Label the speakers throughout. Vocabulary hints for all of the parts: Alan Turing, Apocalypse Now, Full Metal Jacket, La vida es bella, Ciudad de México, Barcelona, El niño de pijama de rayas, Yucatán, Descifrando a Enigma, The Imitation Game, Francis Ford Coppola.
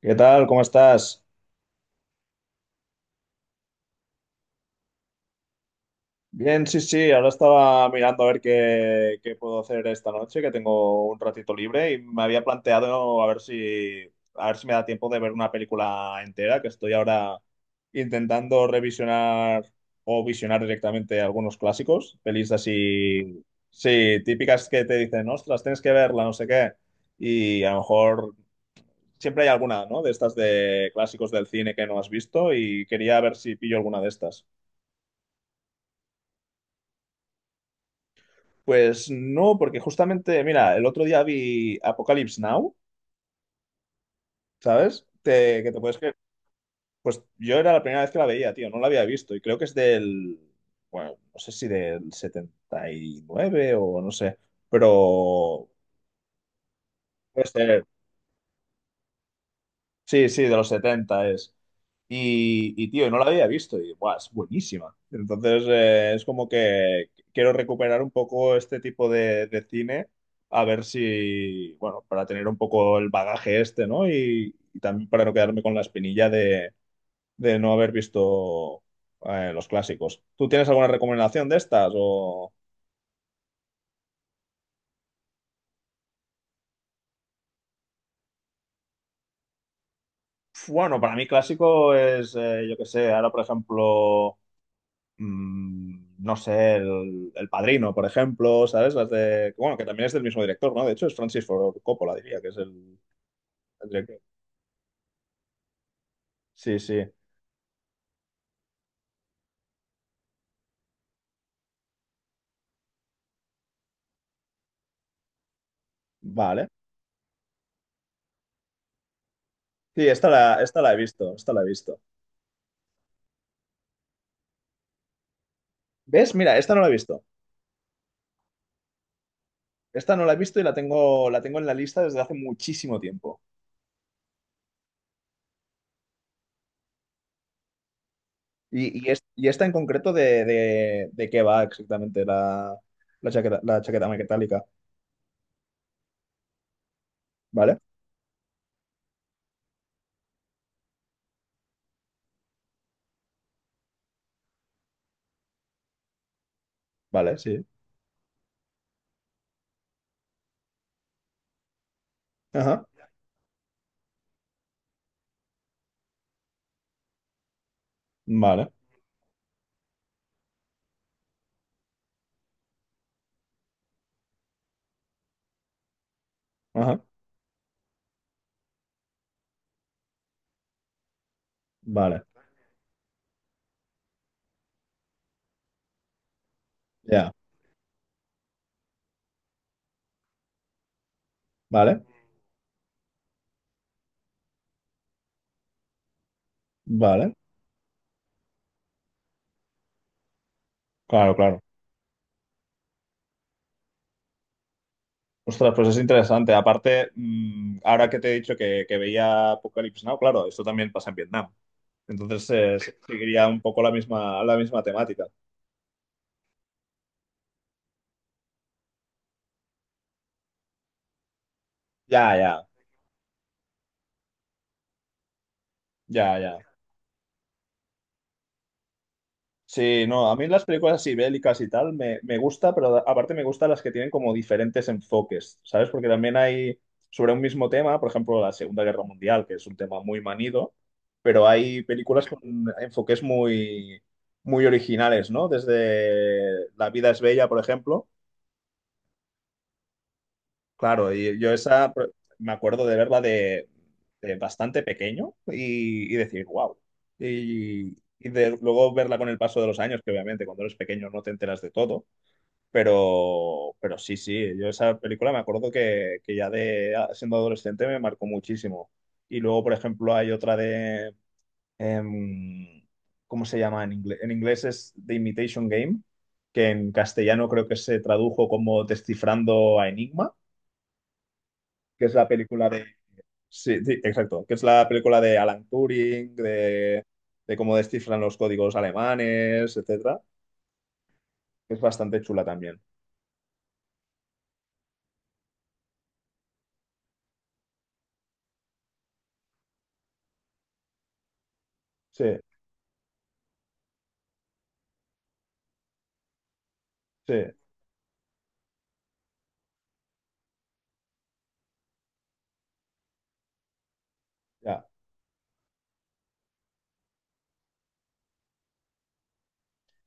Speaker 1: ¿Qué tal? ¿Cómo estás? Bien, sí, sí, ahora estaba mirando a ver qué puedo hacer esta noche, que tengo un ratito libre y me había planteado a ver si me da tiempo de ver una película entera, que estoy ahora intentando revisionar o visionar directamente algunos clásicos, pelis así, sí, típicas que te dicen, ostras, tienes que verla, no sé qué, y a lo mejor siempre hay alguna, ¿no? De estas de clásicos del cine que no has visto y quería ver si pillo alguna de estas. Pues no, porque justamente, mira, el otro día vi Apocalypse Now, ¿sabes? Que te puedes creer. Pues yo era la primera vez que la veía, tío, no la había visto y creo que es del, bueno, no sé si del 79 o no sé, pero puede ser. Sí, sí, de los 70 es. Y, tío, no la había visto y buah, es buenísima. Entonces, es como que quiero recuperar un poco este tipo de cine, a ver si, bueno, para tener un poco el bagaje este, ¿no? Y también para no quedarme con la espinilla de no haber visto los clásicos. ¿Tú tienes alguna recomendación de estas? Bueno, para mí clásico es, yo qué sé, ahora por ejemplo, no sé, el Padrino, por ejemplo, ¿sabes? Las de, bueno, que también es del mismo director, ¿no? De hecho, es Francis Ford Coppola, diría, que es el director. Sí, sí, vale. Sí, esta la he visto, esta la he visto. ¿Ves? Mira, esta no la he visto. Esta no la he visto y la tengo, en la lista desde hace muchísimo tiempo. Y, esta en concreto de qué va exactamente la chaqueta metálica. ¿Vale? Vale, sí. Ajá. Vale. Ajá. Vale. Ya. Vale. Vale. Claro, claro. Ostras, pues es interesante. Aparte, ahora que te he dicho que veía Apocalypse Now, claro, esto también pasa en Vietnam. Entonces, seguiría un poco la misma temática. Ya, ya, ya, ya. Sí, no, a mí las películas así bélicas y tal me, gusta, pero aparte me gustan las que tienen como diferentes enfoques, ¿sabes? Porque también hay sobre un mismo tema, por ejemplo, la Segunda Guerra Mundial, que es un tema muy manido, pero hay películas con enfoques muy, muy originales, ¿no? Desde La vida es bella, por ejemplo. Claro, y yo me acuerdo de verla de, bastante pequeño y decir, wow. Y luego verla con el paso de los años, que obviamente cuando eres pequeño no te enteras de todo, pero, sí, sí, yo esa película me acuerdo que ya de siendo adolescente me marcó muchísimo. Y luego, por ejemplo, hay otra em, ¿cómo se llama en inglés? En inglés es The Imitation Game, que en castellano creo que se tradujo como Descifrando a Enigma, que es la película de. Sí, sí, exacto, que es la película de Alan Turing, de, cómo descifran los códigos alemanes, etcétera. Es bastante chula también. Sí, sí, ya.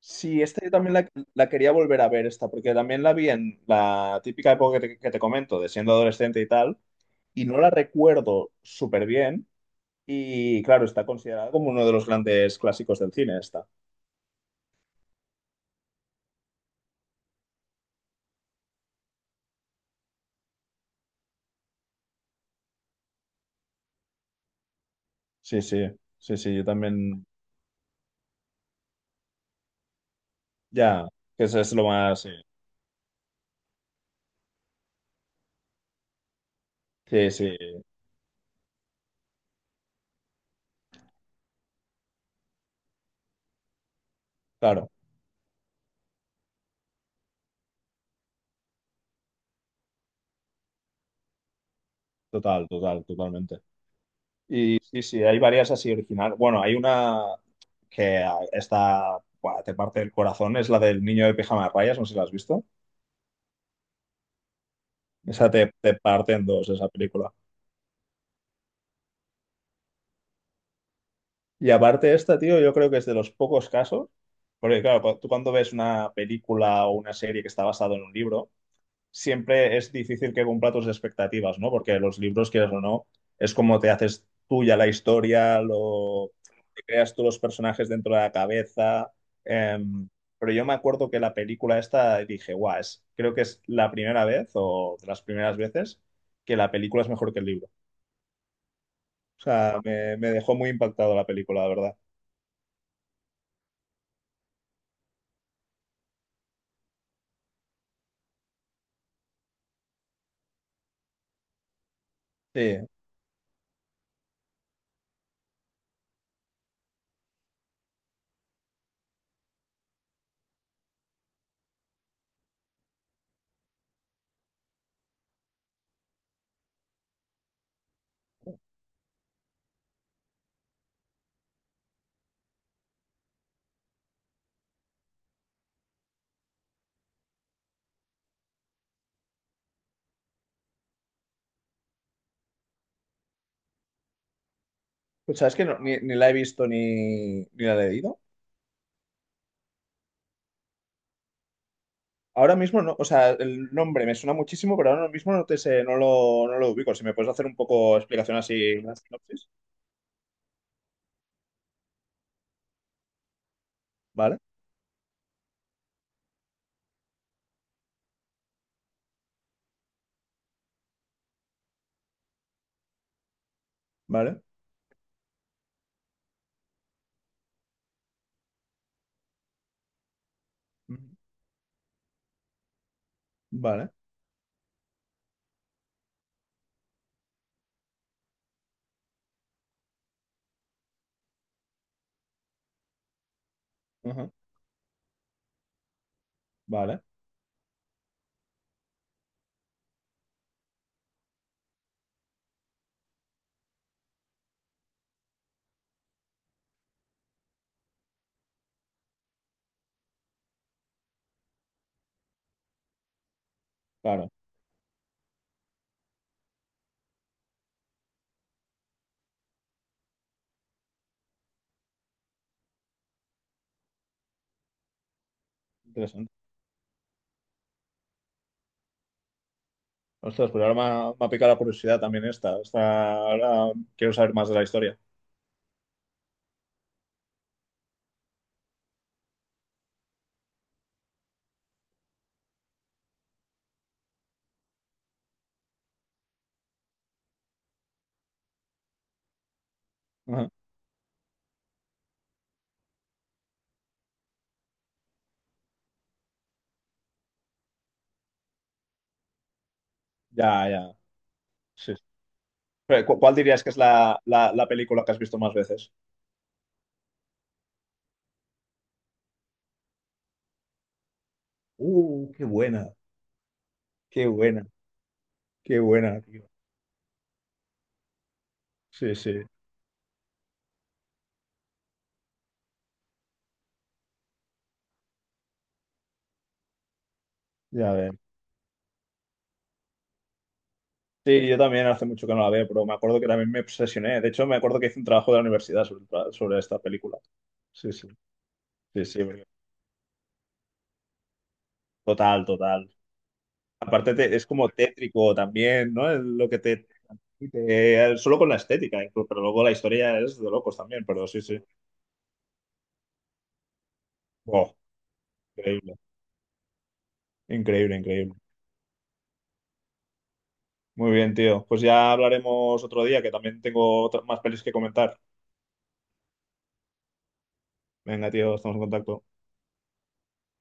Speaker 1: Sí, esta yo también la quería volver a ver esta, porque también la vi en la típica época que te comento, de siendo adolescente y tal, y no la recuerdo súper bien, y claro, está considerada como uno de los grandes clásicos del cine esta. Sí, sí, sí, sí, yo también, ya, que eso es lo más. Sí, sí, sí, claro. Total, total, totalmente. Y sí, sí, hay varias así originales. Bueno, hay una que está, buah, te parte el corazón, es la del niño de pijama de rayas, no sé si la has visto. Esa te parte en dos, esa película. Y aparte esta, tío, yo creo que es de los pocos casos, porque claro, tú cuando ves una película o una serie que está basada en un libro, siempre es difícil que cumpla tus expectativas, ¿no? Porque los libros, quieras o no, es como te haces tuya la historia, lo te creas tú los personajes dentro de la cabeza. em, pero yo me acuerdo que la película esta dije, guau, es, creo que es la primera vez o de las primeras veces que la película es mejor que el libro. O sea, me, dejó muy impactado la película, la verdad. Sí. Pues sabes que ni la he visto ni la he leído. Ahora mismo no, o sea, el nombre me suena muchísimo, pero ahora mismo no te sé, no lo, ubico. Si me puedes hacer un poco explicación así, una sinopsis. Vale, vale, ujú, vale, ujú, vale, claro, interesante. Ostras, pues ahora me ha picado la curiosidad también esta. Ahora quiero saber más de la historia. Ujú, ya, ya, sí. Sí. Pero, ¿cuál dirías que es la, la película que has visto más veces? Qué buena, qué buena, qué buena, tío. Sí, sí, ya ves. Sí, yo también hace mucho que no la veo, pero me acuerdo que también me obsesioné. De hecho, me acuerdo que hice un trabajo de la universidad sobre, esta película. Sí, sí, sí, sí, total, total. Aparte es como tétrico también, ¿no? Es Lo que te- Solo con la estética, incluso, pero luego la historia es de locos también, pero sí, sí. Oh, increíble, increíble, increíble. Muy bien, tío. Pues ya hablaremos otro día, que también tengo más pelis que comentar. Venga, tío, estamos en contacto.